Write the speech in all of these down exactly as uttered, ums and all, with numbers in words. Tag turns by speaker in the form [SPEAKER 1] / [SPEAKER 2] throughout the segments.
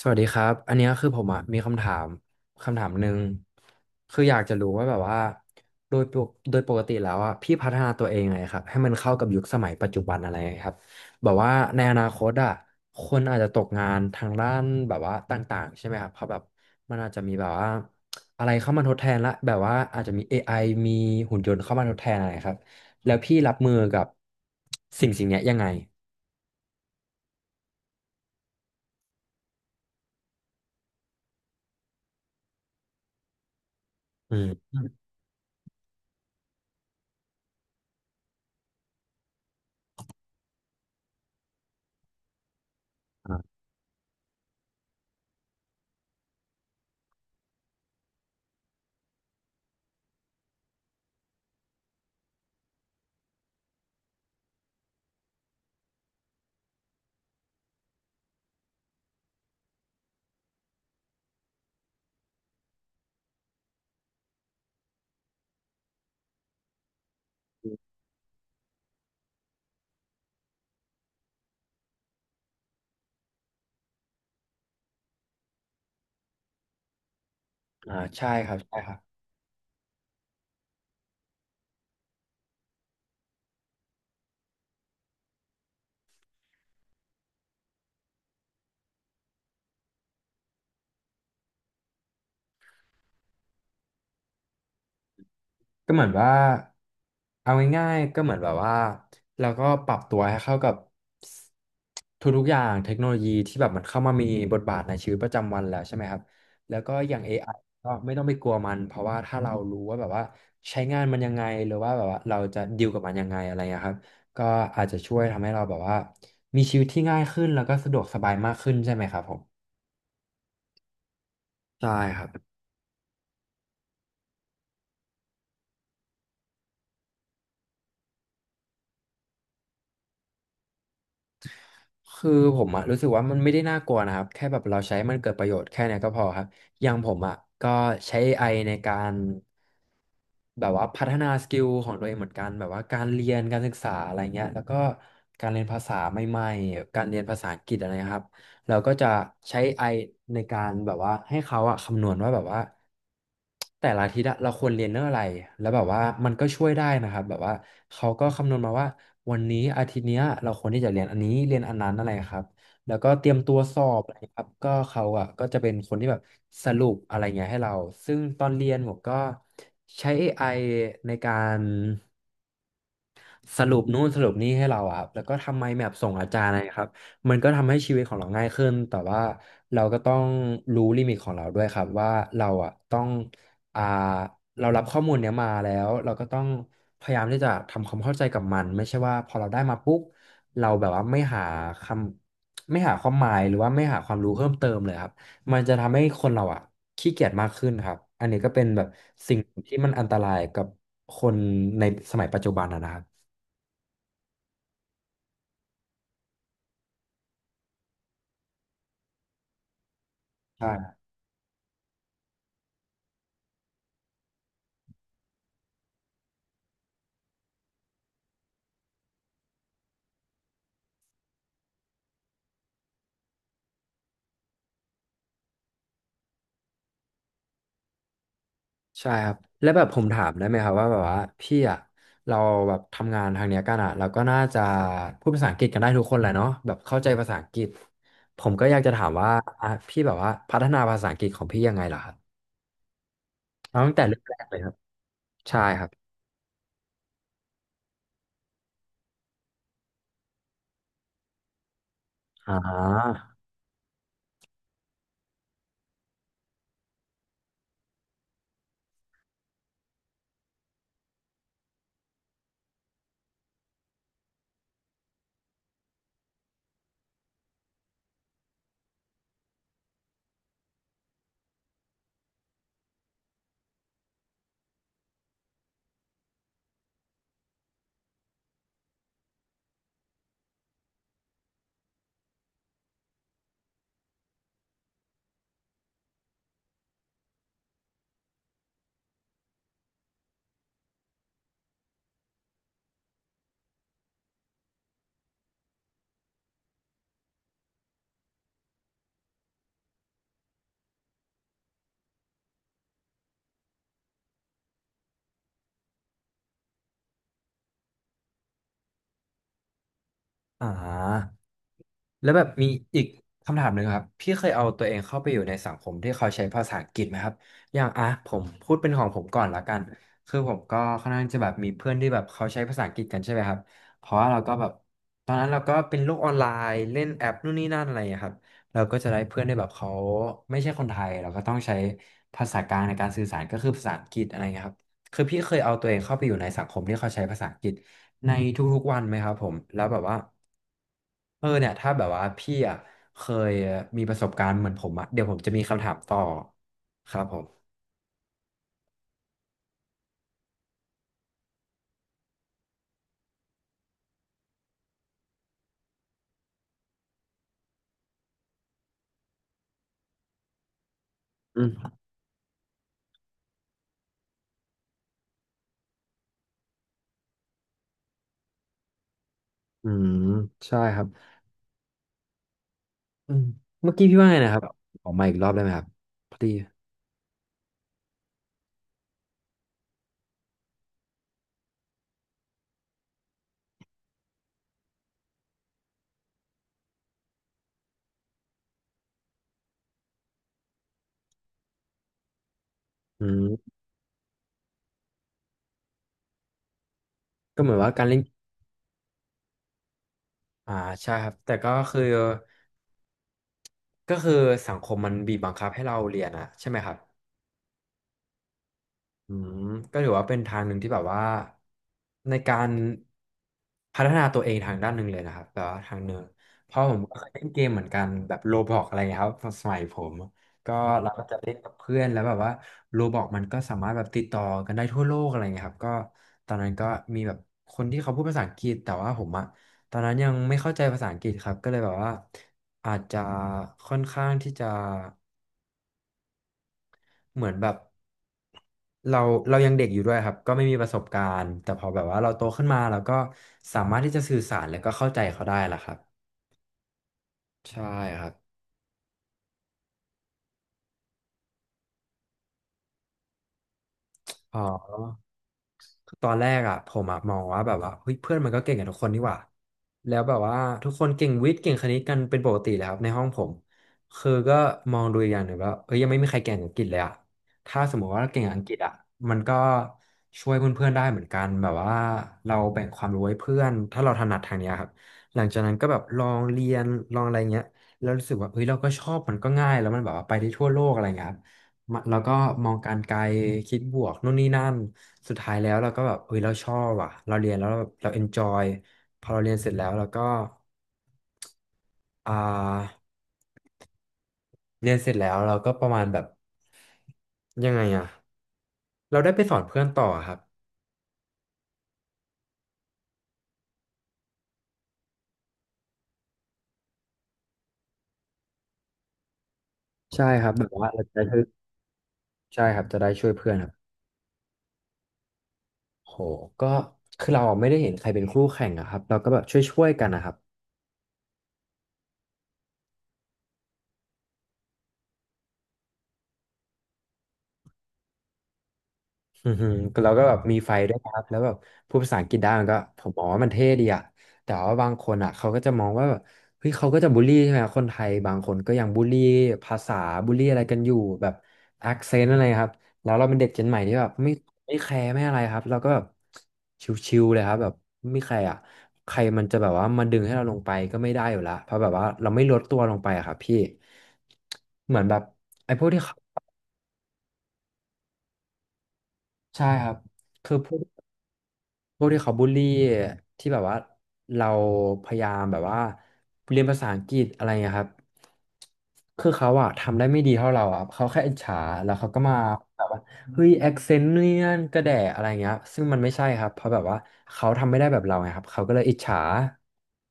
[SPEAKER 1] สวัสดีครับอันเนี้ยคือผมอะมีคำถามคำถามหนึ่งคืออยากจะรู้ว่าแบบว่าโดยปกโดยปกติแล้วอะพี่พัฒนาตัวเองไงครับให้มันเข้ากับยุคสมัยปัจจุบันอะไรครับแบบว่าในอนาคตอะคนอาจจะตกงานทางด้านแบบว่าต่างๆใช่ไหมครับเพราะแบบมันอาจจะมีแบบว่าอะไรเข้ามาทดแทนละแบบว่าอาจจะมีเอไอมีหุ่นยนต์เข้ามาทดแทนอะไรครับแล้วพี่รับมือกับสิ่งสิ่งเนี้ยยังไงอืมอ่าอ่าใช่ครับใช่ครับ ก็เหมือนว่าเอาง่ายๆก็เหมือนแบบว่าเราก็ปรับตัวให้เข้ากับทุกๆอย่างเทคโนโลยีที่แบบมันเข้ามามีบทบาทในชีวิตประจำวันแล้วใช่ไหมครับแล้วก็อย่าง เอ ไอ ก็ไม่ต้องไปกลัวมันเพราะว่าถ้าเรารู้ว่าแบบว่าใช้งานมันยังไงหรือว่าแบบว่าเราจะดีลกับมันยังไงอะไรเงี้ยครับก็อาจจะช่วยทำให้เราแบบว่ามีชีวิตที่ง่ายขึ้นแล้วก็สะดวกสบายมากขึ้นใช่ไหมครับผมใช่ครับ คือผมอะรู้สึกว่ามันไม่ได้น่ากลัวนะครับแค่แบบเราใช้มันเกิดประโยชน์แค่เนี้ยก็พอครับอย่างผมอะก็ใช้เอไอในการแบบว่าพัฒนาสกิลของตัวเองเหมือนกันแบบว่าการเรียนการศึกษาอะไรเงี้ยแล้วก็การเรียนภาษาใหม่ๆการเรียนภาษาอังกฤษอะไรนะครับ เราก็จะใช้ไ i ในการแบบว่าให้เขาอะคำนวณว่าแบบว่าแต่ละอาทิตย์อะเราควรเรียนเรื่องอะไรแล้วแบบว่ามันก็ช่วยได้นะครับแบบว่าเขาก็คำนวณมาว่าวันนี้อาทิตย์เนี้ยเราควรที่จะเรียนอันนี้เรียนอันนั้นอะไรครับแล้วก็เตรียมตัวสอบอะไรครับก็เขาอะก็จะเป็นคนที่แบบสรุปอะไรเงี้ยให้เราซึ่งตอนเรียนผมก็ใช้เอไอในการ สรุปนู่นสรุปนี่ให้เราอะครับแล้วก็ทำไมแมปส่งอาจารย์นะครับมันก็ทำให้ชีวิตของเราง่ายขึ้นแต่ว่าเราก็ต้องรู้ลิมิตของเราด้วยครับว่าเราอะต้องอ่าเรารับข้อมูลเนี้ยมาแล้วเราก็ต้องพยายามที่จะทำความเข้าใจกับมันไม่ใช่ว่าพอเราได้มาปุ๊บเราแบบว่าไม่หาคำไม่หาความหมายหรือว่าไม่หาความรู้เพิ่มเติมเลยครับมันจะทำให้คนเราอะขี้เกียจมากขึ้นครับอันนี้ก็เป็นแบบสิ่งที่มันอันตรายกับคนในสมัยปัจจุบันอะนะครับ ใช่ับใช่ครับแล้วแบบผมถามได้ไหมครับว่าแบบว่าพี่อะเราแบบทำงานทางเนี้ยกันอะเราก็น่าจะพูดภาษาอังกฤษกันได้ทุกคนแหละเนาะแบบเข้าใจภาษาอังกฤษผมก็อยากจะถามว่าอ่ะพี่แบบว่าพัฒนาภาษาอังกฤษของพี่ยังไงล่ะครับเอาตั้งแต่เริ่มแรกเลยครับใช่ครับอ่าอ่า แล้วแบบมีอีกคำถามหนึ่งครับพี่เคยเอาตัวเองเข้าไปอยู่ในสังคมที่เขาใช้ภาษาอังกฤษไหมครับอย่างอ่ะผมพูดเป็นของผมก่อนละกันคือผมก็ค่อนข้างจะแบบมีเพื่อนที่แบบเขาใช้ภาษาอังกฤษกันใช่ไหมครับเพราะว่าเราก็แบบตอนนั้นเราก็เป็นโลกออนไลน์เล่นแอปนู่นนี่นั่นอะไรอย่างเงี้ยครับเราก็จะได้เพื่อนที่แบบเขาไม่ใช่คนไทยเราก็ต้องใช้ภาษากลางในการสื่อสารก็คือภาษาอังกฤษอะไรเงี้ยครับคือพี่เคยเอาตัวเองเข้าไปอยู่ในสังคมที่เขาใช้ภาษาอังกฤษในทุกๆวันไหมครับผมแล้วแบบว่า เออเนี่ยถ้าแบบว่าพี่อ่ะเคยมีประสบการณ์เหมือนผมอ่ะเดี๋ยวผมจะมีคำถามต่อครับผมอืมอืมใช่ครับอืมเมื่อกี้พี่ว่าไงนะครับออกมาอีกรอบได้ไหมครับพอดีอืมก็เหมือนว่าการเล่นอ่าใช่ครับแต่ก็คือก็คือสังคมมันบีบบังคับให้เราเรียนอ่ะใช่ไหมครับ อืมก็ถือว่าเป็นทางหนึ่งที่แบบว่าในการพัฒนาตัวเองทางด้านหนึ่งเลยนะครับแต่ว่าทางหนึ่งเพราะผมก็เคยเล่นเกมเหมือนกันแบบโรบล็อกอะไรเงี้ยครับสมัยผมก็เราก็จะเล่นกับเพื่อนแล้วแบบว่าโรบล็อกมันก็สามารถแบบติดต่อกันได้ทั่วโลกอะไรเงี้ยครับก็ตอนนั้นก็มีแบบคนที่เขาพูดภาษาอังกฤษแต่ว่าผมอะตอนนั้นยังไม่เข้าใจภาษาอังกฤษครับก็เลยแบบว่าอาจจะค่อนข้างที่จะ เหมือนแบบเราเรายังเด็กอยู่ด้วยครับก็ไม่มีประสบการณ์แต่พอแบบว่าเราโตขึ้นมาเราก็สามารถที่จะสื่อสารแล้วก็เข้าใจเขาได้ละครับใช่ครับพอ คือตอนแรกอ่ะผมอะมองว่าแบบว่าเฮ้ยเพื่อนมันก็เก่งกันทุกคนนี่หว่าแล้วแบบว่าทุกคนเก่งวิทย์เก่งคณิตกันเป็นปกติเลยครับในห้องผมคือก็มองดูอีกอย่างหนึ่งว่าเอ้ยยังไม่มีใครเก่งอังกฤษเลยอ่ะถ้าสมมติว่าเราเก่งอังกฤษอ่ะมันก็ช่วยเพื่อนๆได้เหมือนกันแบบว่าเราแบ่งความรู้ให้เพื่อนถ้าเราถนัดทางเนี้ยครับหลังจากนั้นก็แบบลองเรียนลองอะไรเงี้ยแล้วรู้สึกว่าเฮ้ยเราก็ชอบมันก็ง่ายแล้วมันแบบว่าไปได้ทั่วโลกอะไรเงี้ยครับ มาแล้วก็มองการไกลคิดบวกนู่นนี่นั่นสุดท้ายแล้วเราก็แบบเฮ้ยเราชอบอ่ะเราเรียนแล้วเราเราเอนจอยพอเราเรียนเสร็จแล้วเราก็อ่าเรียนเสร็จแล้วเราก็ประมาณแบบยังไงอ่ะเราได้ไปสอนเพื่อนต่อครับใช่ครับแบบว่าเราจะได้ช่วยใช่ครับจะได้ช่วยเพื่อนครับโหก็คือเราไม่ได้เห็นใครเป็นคู่แข่งอะครับเราก็แบบช่วยๆกันนะครับ อือหือวก็แบบมีไฟด้วยครับแล้วแบบพูดภาษาอังกฤษได้มันก็ผมมองว่ามันเท่ดีอะแต่ว่าบางคนอะเขาก็จะมองว่าแบบเฮ้ยเขาก็จะบูลลี่ใช่ไหมคนไทยบางคนก็ยังบูลลี่ภาษาบูลลี่อะไรกันอยู่แบบแอคเซนต์อะไรครับแล้วเราเป็นเด็กเจนใหม่ที่แบบไม่ไม่แคร์ไม่อะไรครับเราก็แบบชิวๆเลยครับแบบไม่แคร์อะใครมันจะแบบว่ามาดึงให้เราลงไปก็ไม่ได้อยู่ละเพราะแบบว่าเราไม่ลดตัวลงไปอะครับพี่เหมือนแบบไอ้พวกที่เขาใช่ครับคือพวก พวกที่เขาบูลลี่ที่แบบว่าเราพยายามแบบว่าเรียนภาษาอังกฤษอะไรเงี้ยครับคือเขาอะทำได้ไม่ดีเท่าเราอะเขาแค่อิจฉาแล้วเขาก็มาแบบว่าเฮ้ยแอคเซนต์เนี่ยนกระแดะอะไรเงี้ยซึ่งมันไม่ใช่ครับเพราะแบบว่าเขาทำไม่ได้แบบเราไงครับเขาก็เลยอิจฉา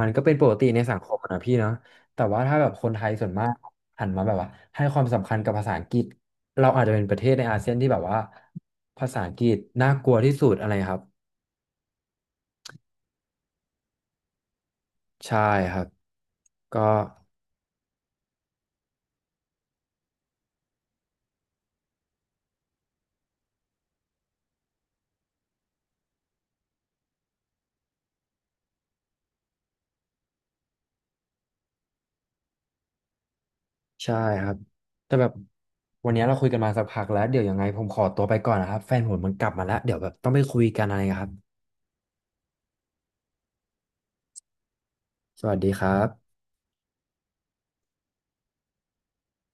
[SPEAKER 1] มันก็เป็นปกติในสังคมอะนะพี่เนาะแต่ว่าถ้าแบบคนไทยส่วนมากหันมาแบบว่าให้ความสำคัญกับภาษาอังกฤษเราอาจจะเป็นประเทศในอาเซียนที่แบบว่าภาษาอังกฤษน่ากลัวที่สุดอะไรครับ ใช่ครับก็ใช่ครับแต่แบบวันนี้เราคุยกันมาสักพักแล้วเดี๋ยวยังไงผมขอตัวไปก่อนนะครับแฟนผมมันกลับมาแล้วเดี๋ยวแบบต้องไปคุยกันอะไรครับสวัสดีครับ